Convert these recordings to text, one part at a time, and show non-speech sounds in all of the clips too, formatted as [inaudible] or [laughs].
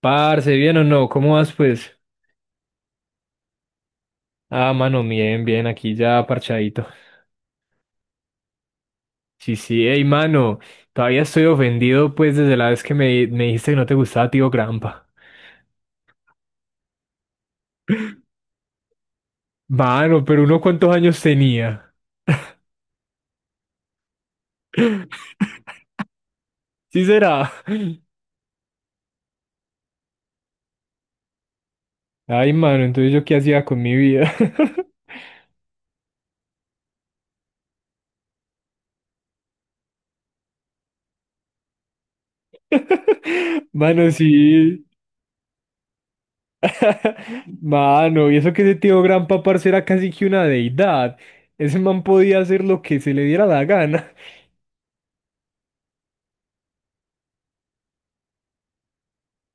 Parce, ¿bien o no? ¿Cómo vas, pues? Ah, mano, bien, bien, aquí ya parchadito. Sí, sí, hey, mano, todavía estoy ofendido, pues, desde la vez que me dijiste que no te gustaba Tío Grampa. Mano, pero uno cuántos años tenía. Sí será. [laughs] Ay, mano, entonces yo qué hacía con mi vida. [laughs] Mano, sí. [laughs] Mano, y eso que ese Tío Grampa, parce, era casi que una deidad. Ese man podía hacer lo que se le diera la gana.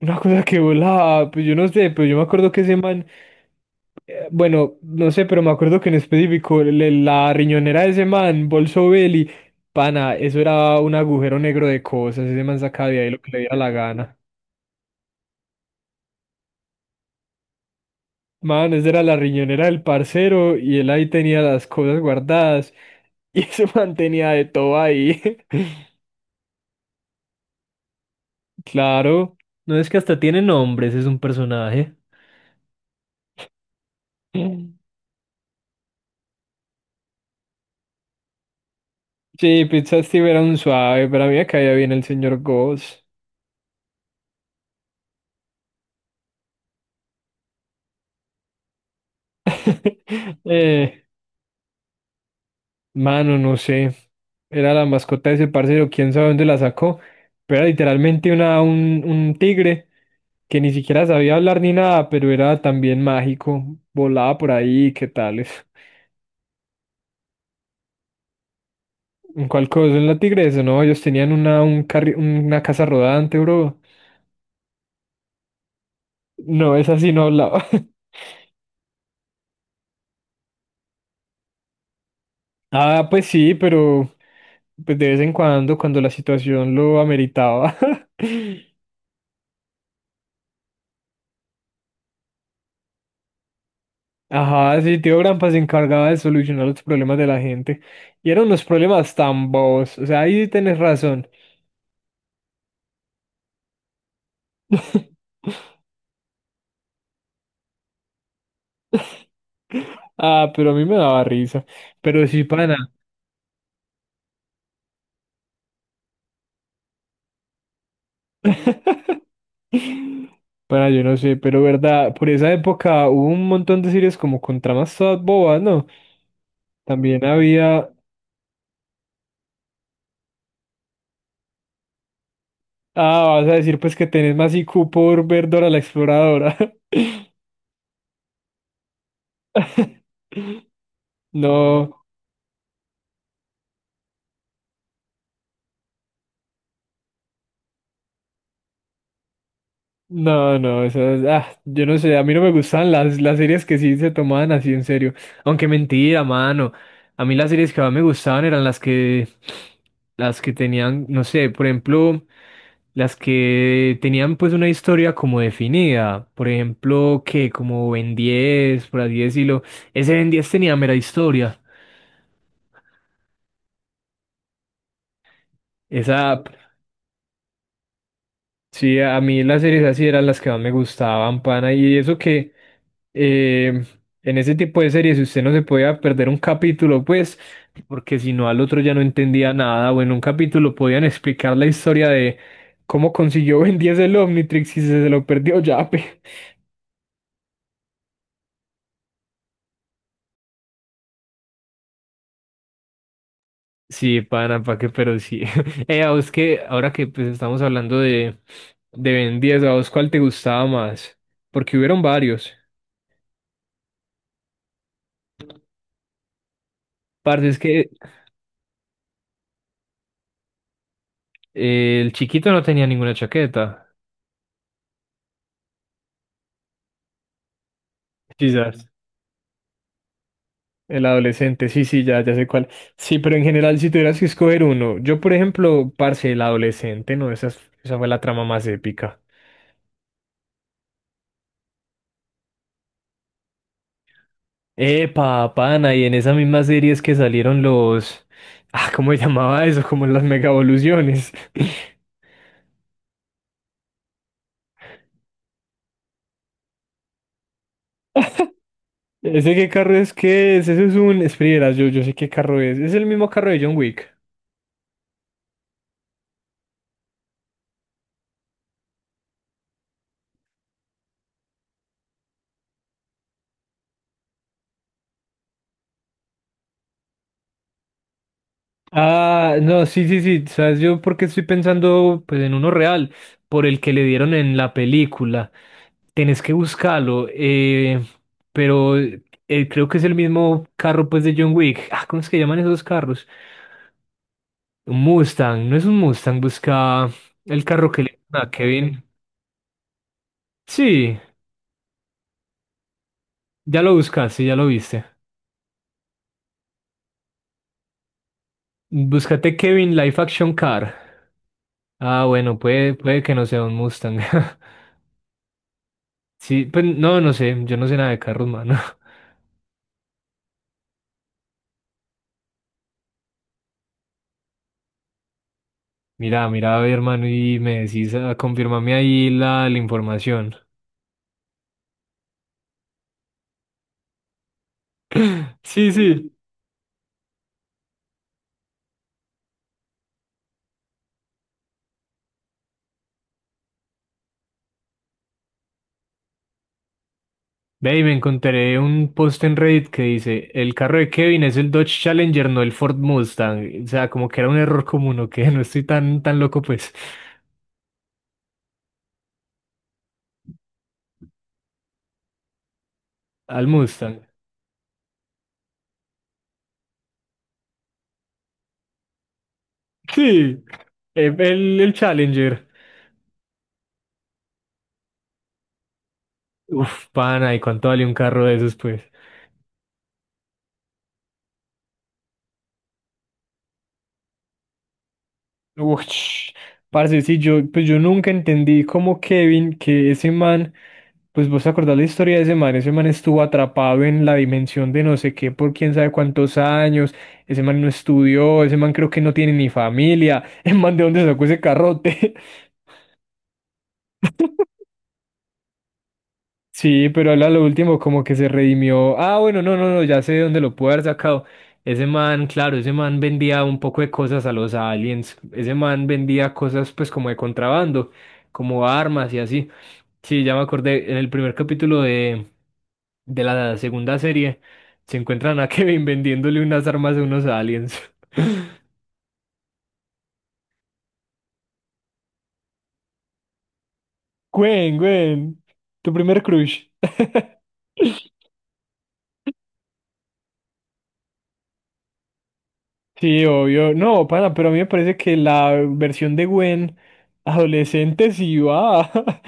Una cosa que volaba, pues yo no sé, pero yo me acuerdo que ese man, bueno, no sé, pero me acuerdo que en específico la riñonera de ese man, Bolso Belli, pana, eso era un agujero negro de cosas, ese man sacaba de ahí lo que le diera la gana. Man, esa era la riñonera del parcero y él ahí tenía las cosas guardadas [laughs] y ese man tenía de todo ahí. [laughs] Claro, no es que hasta tiene nombres, es un personaje. Sí, Pizza Steve era un suave, pero a mí me caía bien el señor Goss. [laughs] Eh, mano, no sé. Era la mascota de ese parcero, quién sabe dónde la sacó. Pero era literalmente un tigre que ni siquiera sabía hablar ni nada, pero era también mágico. Volaba por ahí, ¿qué tales? ¿En cuál cosa? [laughs] ¿En la tigresa? No, ellos tenían una casa rodante, bro. No, esa sí no hablaba. [laughs] Ah, pues sí, pero pues de vez en cuando, cuando la situación lo ameritaba. [laughs] Ajá, sí, Tío Grampa se encargaba de solucionar los problemas de la gente. Y eran unos problemas tan bobos. O sea, ahí sí tenés razón. [laughs] Ah, pero a mí me daba risa. Pero sí, pana. [laughs] Pana, yo no sé, pero verdad, por esa época hubo un montón de series como con tramas todas bobas, ¿no? También había Ah, vas a decir pues que tenés más IQ por ver Dora la Exploradora. [laughs] No, no, no, yo no sé, a mí no me gustan las series que sí se tomaban así en serio. Aunque mentira, mano. A mí las series que más me gustaban eran las que tenían, no sé, por ejemplo, las que tenían pues una historia como definida. Por ejemplo, que como Ben 10, por así decirlo. Ese Ben 10 tenía mera historia. Esa. Sí, a mí las series así eran las que más me gustaban, pana. Y eso que eh, en ese tipo de series si usted no se podía perder un capítulo, pues, porque si no al otro ya no entendía nada. O en un capítulo podían explicar la historia de cómo consiguió Ben 10 el Omnitrix y se lo perdió ya, pe. Sí, pana, pa' qué, pero sí. [laughs] A vos que, ahora que pues estamos hablando de Ben 10, ¿a vos cuál te gustaba más? Porque hubieron varios. Parce, es que El chiquito no tenía ninguna chaqueta. Quizás, el adolescente, sí, sí, ya, ya sé cuál. Sí, pero en general, si tuvieras que escoger uno, yo, por ejemplo, parce, el adolescente, no, esa fue la trama más épica. Epa, pana, y en esas mismas series que salieron los. Ah, ¿cómo se llamaba eso? Como las megavoluciones. [laughs] ¿Ese qué carro es que es? Ese es un. Espera, yo sé qué carro es. Es el mismo carro de John Wick. Ah, no, sí, sí, sí. ¿Sabes yo porque estoy pensando pues en uno real? Por el que le dieron en la película. Tenés que buscarlo. Pero creo que es el mismo carro pues de John Wick. Ah, ¿cómo es que llaman esos carros? Un Mustang. No es un Mustang. Busca el carro que le dieron a Kevin. Sí, ya lo buscaste, ya lo viste. Búscate Kevin Life Action Car. Ah, bueno, puede que no sea un Mustang. [laughs] Sí, pues no sé. Yo no sé nada de carros, mano. Mira, mira, a ver, hermano, y me decís, confírmame ahí la información. [clears throat] [laughs] Sí, sí. Ve, y me encontré un post en Reddit que dice, el carro de Kevin es el Dodge Challenger, no el Ford Mustang. O sea, como que era un error común, o que [laughs] no estoy tan, tan loco, pues, al Mustang. Sí, el Challenger. Uf, pana, ¿y cuánto vale un carro de esos, pues? Uy, parce, sí, yo, pues yo nunca entendí cómo Kevin, que ese man, pues vos te acordás la historia de ese man estuvo atrapado en la dimensión de no sé qué por quién sabe cuántos años, ese man no estudió, ese man creo que no tiene ni familia, [laughs] el man de dónde sacó ese carrote. Sí, pero él a lo último como que se redimió. Ah, bueno, no, no, no, ya sé de dónde lo puede haber sacado. Ese man, claro, ese man vendía un poco de cosas a los aliens. Ese man vendía cosas pues como de contrabando, como armas y así. Sí, ya me acordé, en el primer capítulo de la segunda serie se encuentran a [laughs] Kevin vendiéndole unas armas a unos aliens. [laughs] Gwen, Gwen, tu primer crush. [laughs] Sí, obvio. No, pana, pero a mí me parece que la versión de Gwen adolescente sí va. [laughs]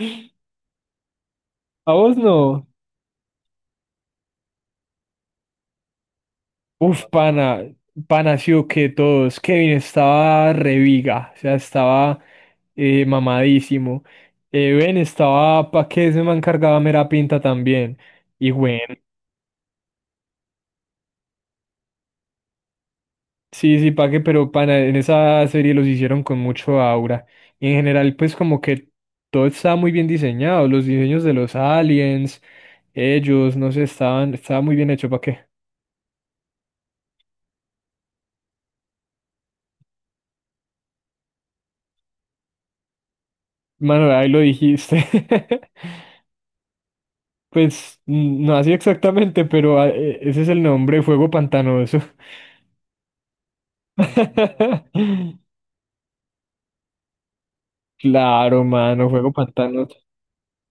A vos no. Uf, pana, pana, sí o que todos. Kevin estaba reviga, o sea, estaba mamadísimo. Ben estaba pa' que se me encargaba mera pinta también. Y Gwen, sí, sí, pa' que, pero pana, en esa serie los hicieron con mucho aura. Y en general, pues como que todo estaba muy bien diseñado, los diseños de los aliens. Ellos, no sé, estaba muy bien hecho, ¿para qué? Mano, ahí lo dijiste. [laughs] Pues no así exactamente, pero ese es el nombre, fuego pantanoso. [laughs] Claro, mano, fuego pantanoso.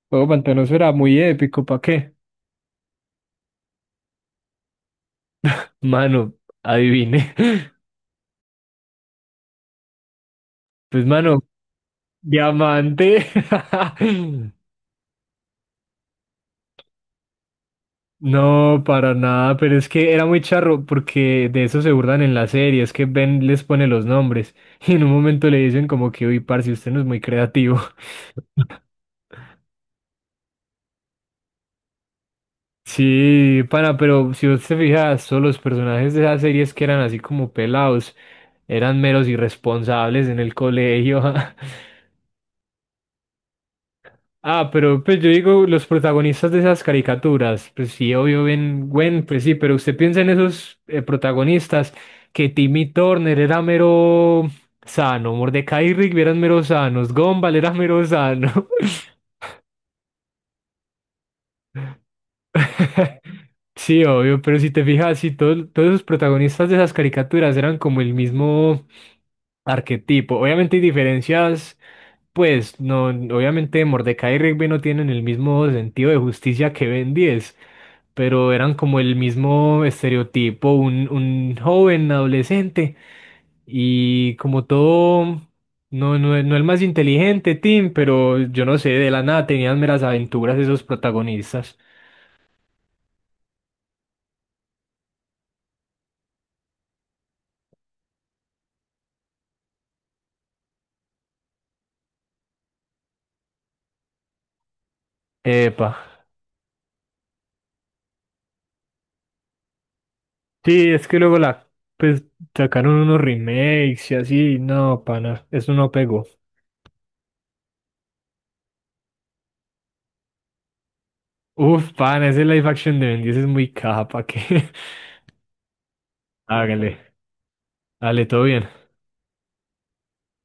Fuego pantanoso era muy épico, ¿para qué? Mano, adivine. [laughs] Pues, mano, diamante. [laughs] No, para nada, pero es que era muy charro porque de eso se burlan en la serie, es que Ben les pone los nombres [laughs] y en un momento le dicen como que, uy, parce, usted no es muy creativo. [laughs] Sí, pana, pero si usted se fija, todos los personajes de esas series que eran así como pelados, eran meros irresponsables en el colegio. [laughs] Ah, pero pues yo digo, los protagonistas de esas caricaturas, pues sí, obvio, Ben Gwen, pues sí, pero usted piensa en esos protagonistas, que Timmy Turner era mero sano, Mordecai y Rigby eran mero sanos, Gumball era mero sano. [laughs] Sí, obvio, pero si te fijas, sí, todos los protagonistas de esas caricaturas eran como el mismo arquetipo. Obviamente hay diferencias, pues, no, obviamente Mordecai y Rigby no tienen el mismo sentido de justicia que Ben 10, pero eran como el mismo estereotipo, un joven adolescente y como todo, no, no, no el más inteligente, Tim, pero yo no sé, de la nada tenían meras aventuras esos protagonistas. Epa. Sí, es que luego pues sacaron unos remakes y así, no, pana, eso no pegó. Uf, pana, ese live action de Bendy es muy capa, que [laughs] hágale, dale, todo bien.